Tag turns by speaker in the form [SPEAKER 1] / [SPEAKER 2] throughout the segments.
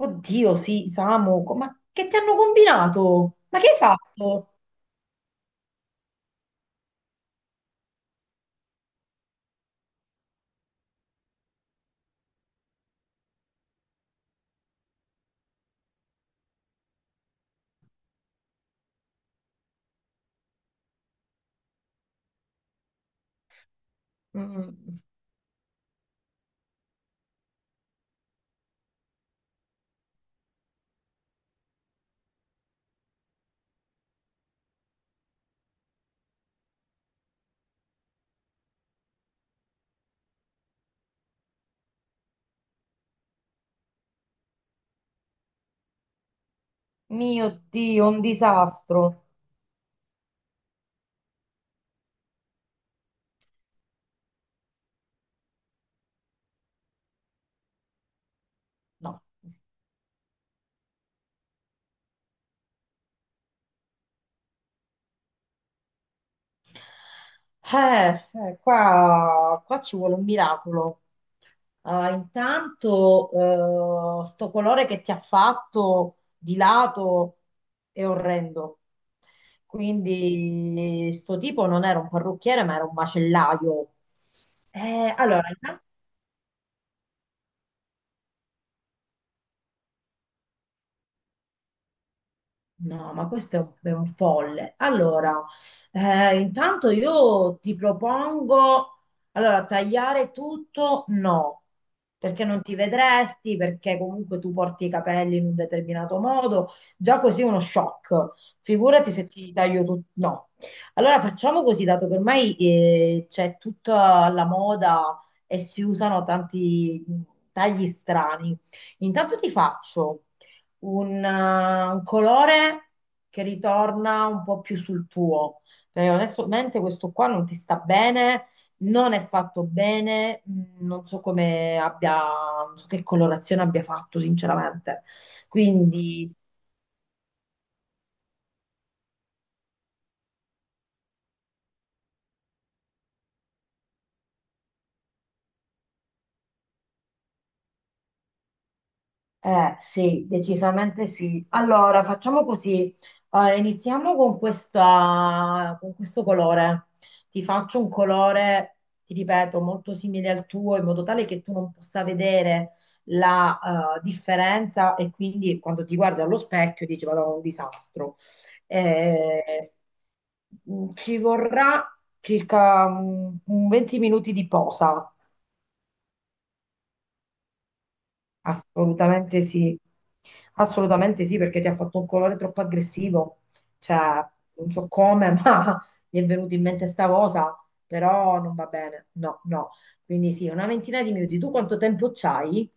[SPEAKER 1] Oddio, sì, Samu, ma che ti hanno combinato? Ma che hai fatto? Mm. Mio Dio, un disastro. No. Qua ci vuole un miracolo. Ah, intanto, sto colore che ti ha fatto di lato è orrendo. Quindi, sto tipo non era un parrucchiere, ma era un macellaio. Allora. No, ma questo è un folle. Allora, intanto io ti propongo, allora, tagliare tutto? No, perché non ti vedresti, perché comunque tu porti i capelli in un determinato modo, già così è uno shock. Figurati se ti taglio tutto. No. Allora facciamo così, dato che ormai c'è tutta la moda e si usano tanti tagli strani. Intanto ti faccio un, eh, un colore che ritorna un po' più sul tuo. Perché onestamente questo qua non ti sta bene, non è fatto bene, non so come abbia, non so che colorazione abbia fatto, sinceramente. Quindi. Eh sì, decisamente sì. Allora, facciamo così. Iniziamo con questa, con questo colore. Ti faccio un colore, ti ripeto, molto simile al tuo, in modo tale che tu non possa vedere la differenza e quindi quando ti guardi allo specchio dici, vado un disastro. Eh, Ci vorrà circa un 20 minuti di posa. Assolutamente sì, assolutamente sì, perché ti ha fatto un colore troppo aggressivo, cioè non so come, ma gli è venuta in mente sta cosa, però non va bene, no, no. Quindi sì, una ventina di minuti. Tu quanto tempo c'hai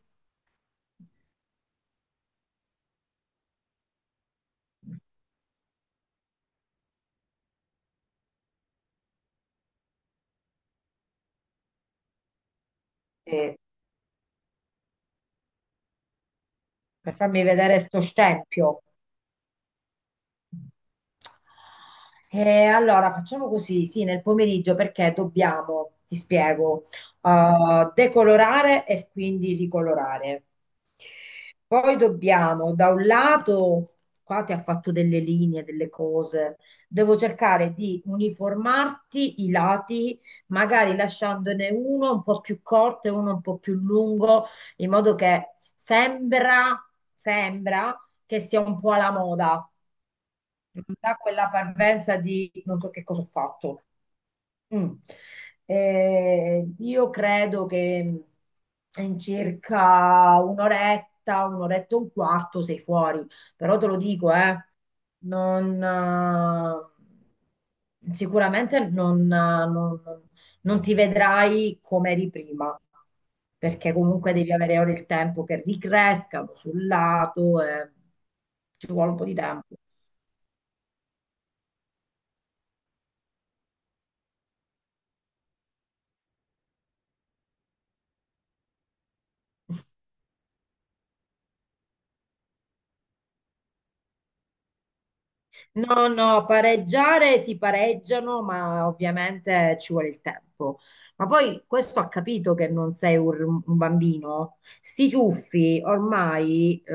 [SPEAKER 1] eh, per farmi vedere sto scempio? Allora, facciamo così, sì, nel pomeriggio perché dobbiamo, ti spiego, decolorare e quindi ricolorare. Poi dobbiamo, da un lato, qua ti ha fatto delle linee, delle cose, devo cercare di uniformarti i lati, magari lasciandone uno un po' più corto e uno un po' più lungo, in modo che sembra che sia un po' alla moda. Non dà quella parvenza di non so che cosa ho fatto. Mm. Io credo che in circa un'oretta, un'oretta e un quarto sei fuori, però te lo dico, non, sicuramente non ti vedrai come eri prima. Perché comunque devi avere ora il tempo che ricrescano sul lato, e ci vuole un po' di tempo. No, no, pareggiare si pareggiano, ma ovviamente ci vuole il tempo. Ma poi questo ha capito che non sei un bambino. Sti ciuffi ormai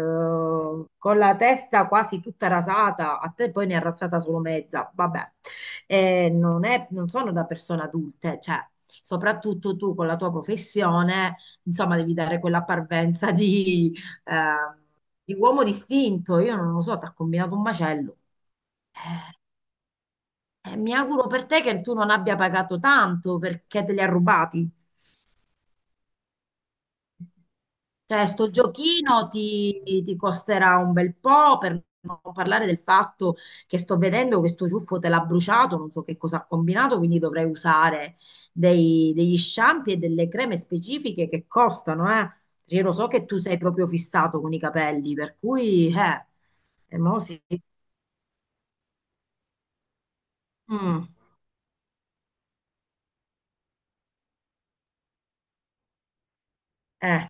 [SPEAKER 1] con la testa quasi tutta rasata, a te poi ne è rasata solo mezza, vabbè. Non è- non sono da persone adulte, cioè, soprattutto tu con la tua professione, insomma, devi dare quella parvenza di, eh, di uomo distinto. Io non lo so, ti ha combinato un macello. Mi auguro per te che tu non abbia pagato tanto perché te li ha rubati. Cioè, sto giochino ti costerà un bel po', per non parlare del fatto che sto vedendo che sto ciuffo te l'ha bruciato, non so che cosa ha combinato, quindi dovrei usare degli shampoo e delle creme specifiche che costano, eh. Io lo so che tu sei proprio fissato con i capelli, per cui, e mo sì. Mm, eh.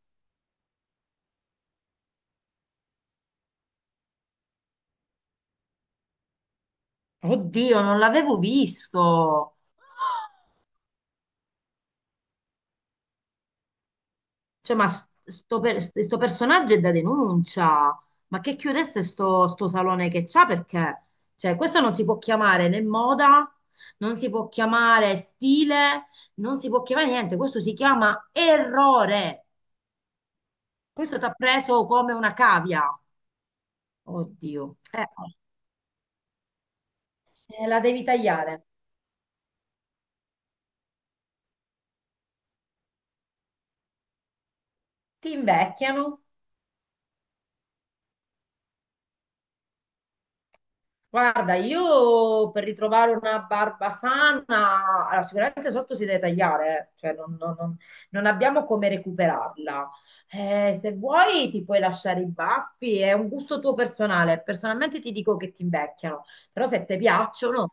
[SPEAKER 1] Oddio, non l'avevo visto. Cioè, ma sto personaggio è da denuncia. Ma che chiudesse sto salone che c'ha perché? Cioè, questo non si può chiamare né moda, non si può chiamare stile, non si può chiamare niente. Questo si chiama errore. Questo ti ha preso come una cavia. Oddio. La devi tagliare. Ti invecchiano. Guarda, io per ritrovare una barba sana, allora, sicuramente sotto si deve tagliare, cioè non abbiamo come recuperarla. Se vuoi ti puoi lasciare i baffi, è un gusto tuo personale. Personalmente ti dico che ti invecchiano, però se ti piacciono.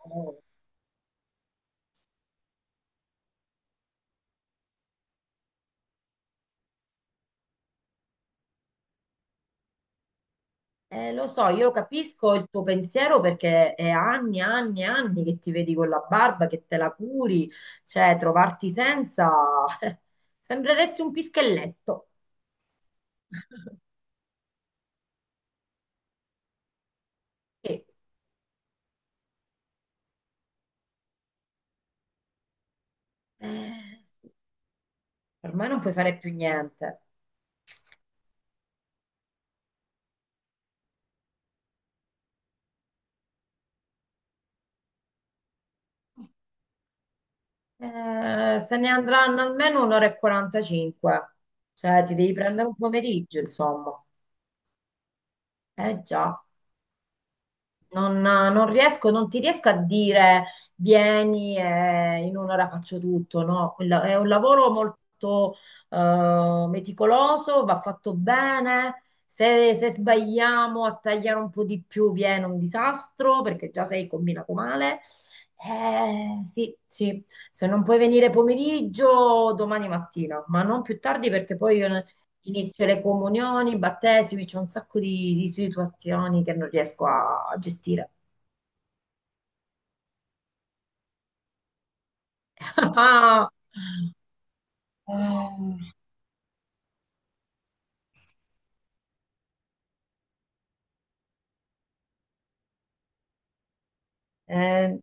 [SPEAKER 1] Lo so, io capisco il tuo pensiero perché è anni, anni, anni che ti vedi con la barba, che te la curi, cioè trovarti senza... sembreresti un pischelletto. Sì. Eh, Ormai non puoi fare più niente. Se ne andranno almeno un'ora e 45, cioè ti devi prendere un pomeriggio, insomma. Eh già. Non ti riesco a dire vieni e in un'ora faccio tutto, no? È un lavoro molto meticoloso, va fatto bene. Se sbagliamo a tagliare un po' di più viene un disastro perché già sei combinato male. Sì, sì, se non puoi venire pomeriggio, domani mattina, ma non più tardi perché poi io inizio le comunioni, i battesimi, c'è un sacco di situazioni che non riesco a gestire. Eh. Eh,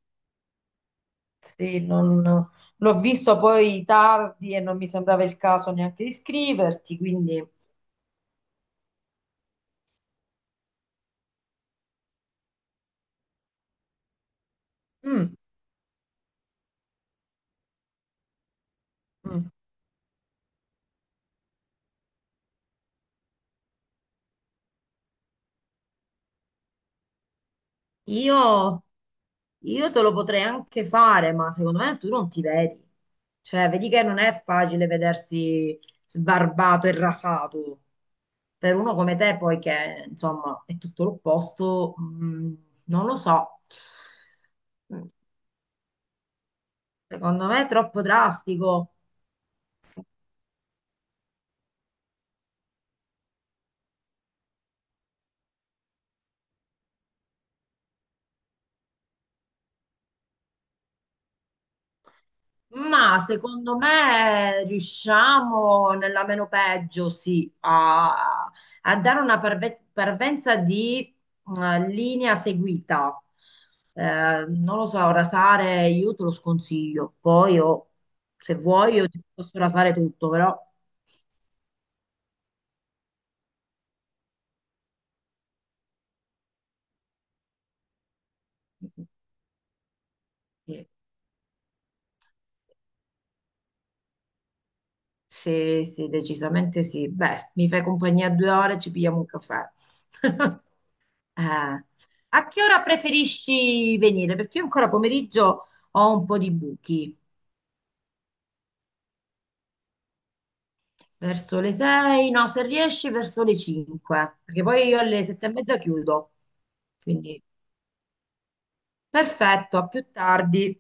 [SPEAKER 1] sì, l'ho visto poi tardi e non mi sembrava il caso neanche di scriverti, quindi... Mm, mm. Io, io te lo potrei anche fare, ma secondo me tu non ti vedi. Cioè, vedi che non è facile vedersi sbarbato e rasato. Per uno come te, poi che, insomma, è tutto l'opposto, non lo so. Secondo me è troppo drastico. Ma secondo me riusciamo nella meno peggio, sì, a dare una parvenza di linea seguita. Eh, Non lo so, rasare io te lo sconsiglio. Poi io, se vuoi, io ti posso rasare tutto, però sì, sì, sì, decisamente sì. Beh, mi fai compagnia 2 ore e ci pigliamo un caffè. Eh, A che ora preferisci venire? Perché io ancora pomeriggio ho un po' di buchi. Verso le 6, no, se riesci verso le 5, perché poi io alle 7 e mezza chiudo. Quindi perfetto, a più tardi.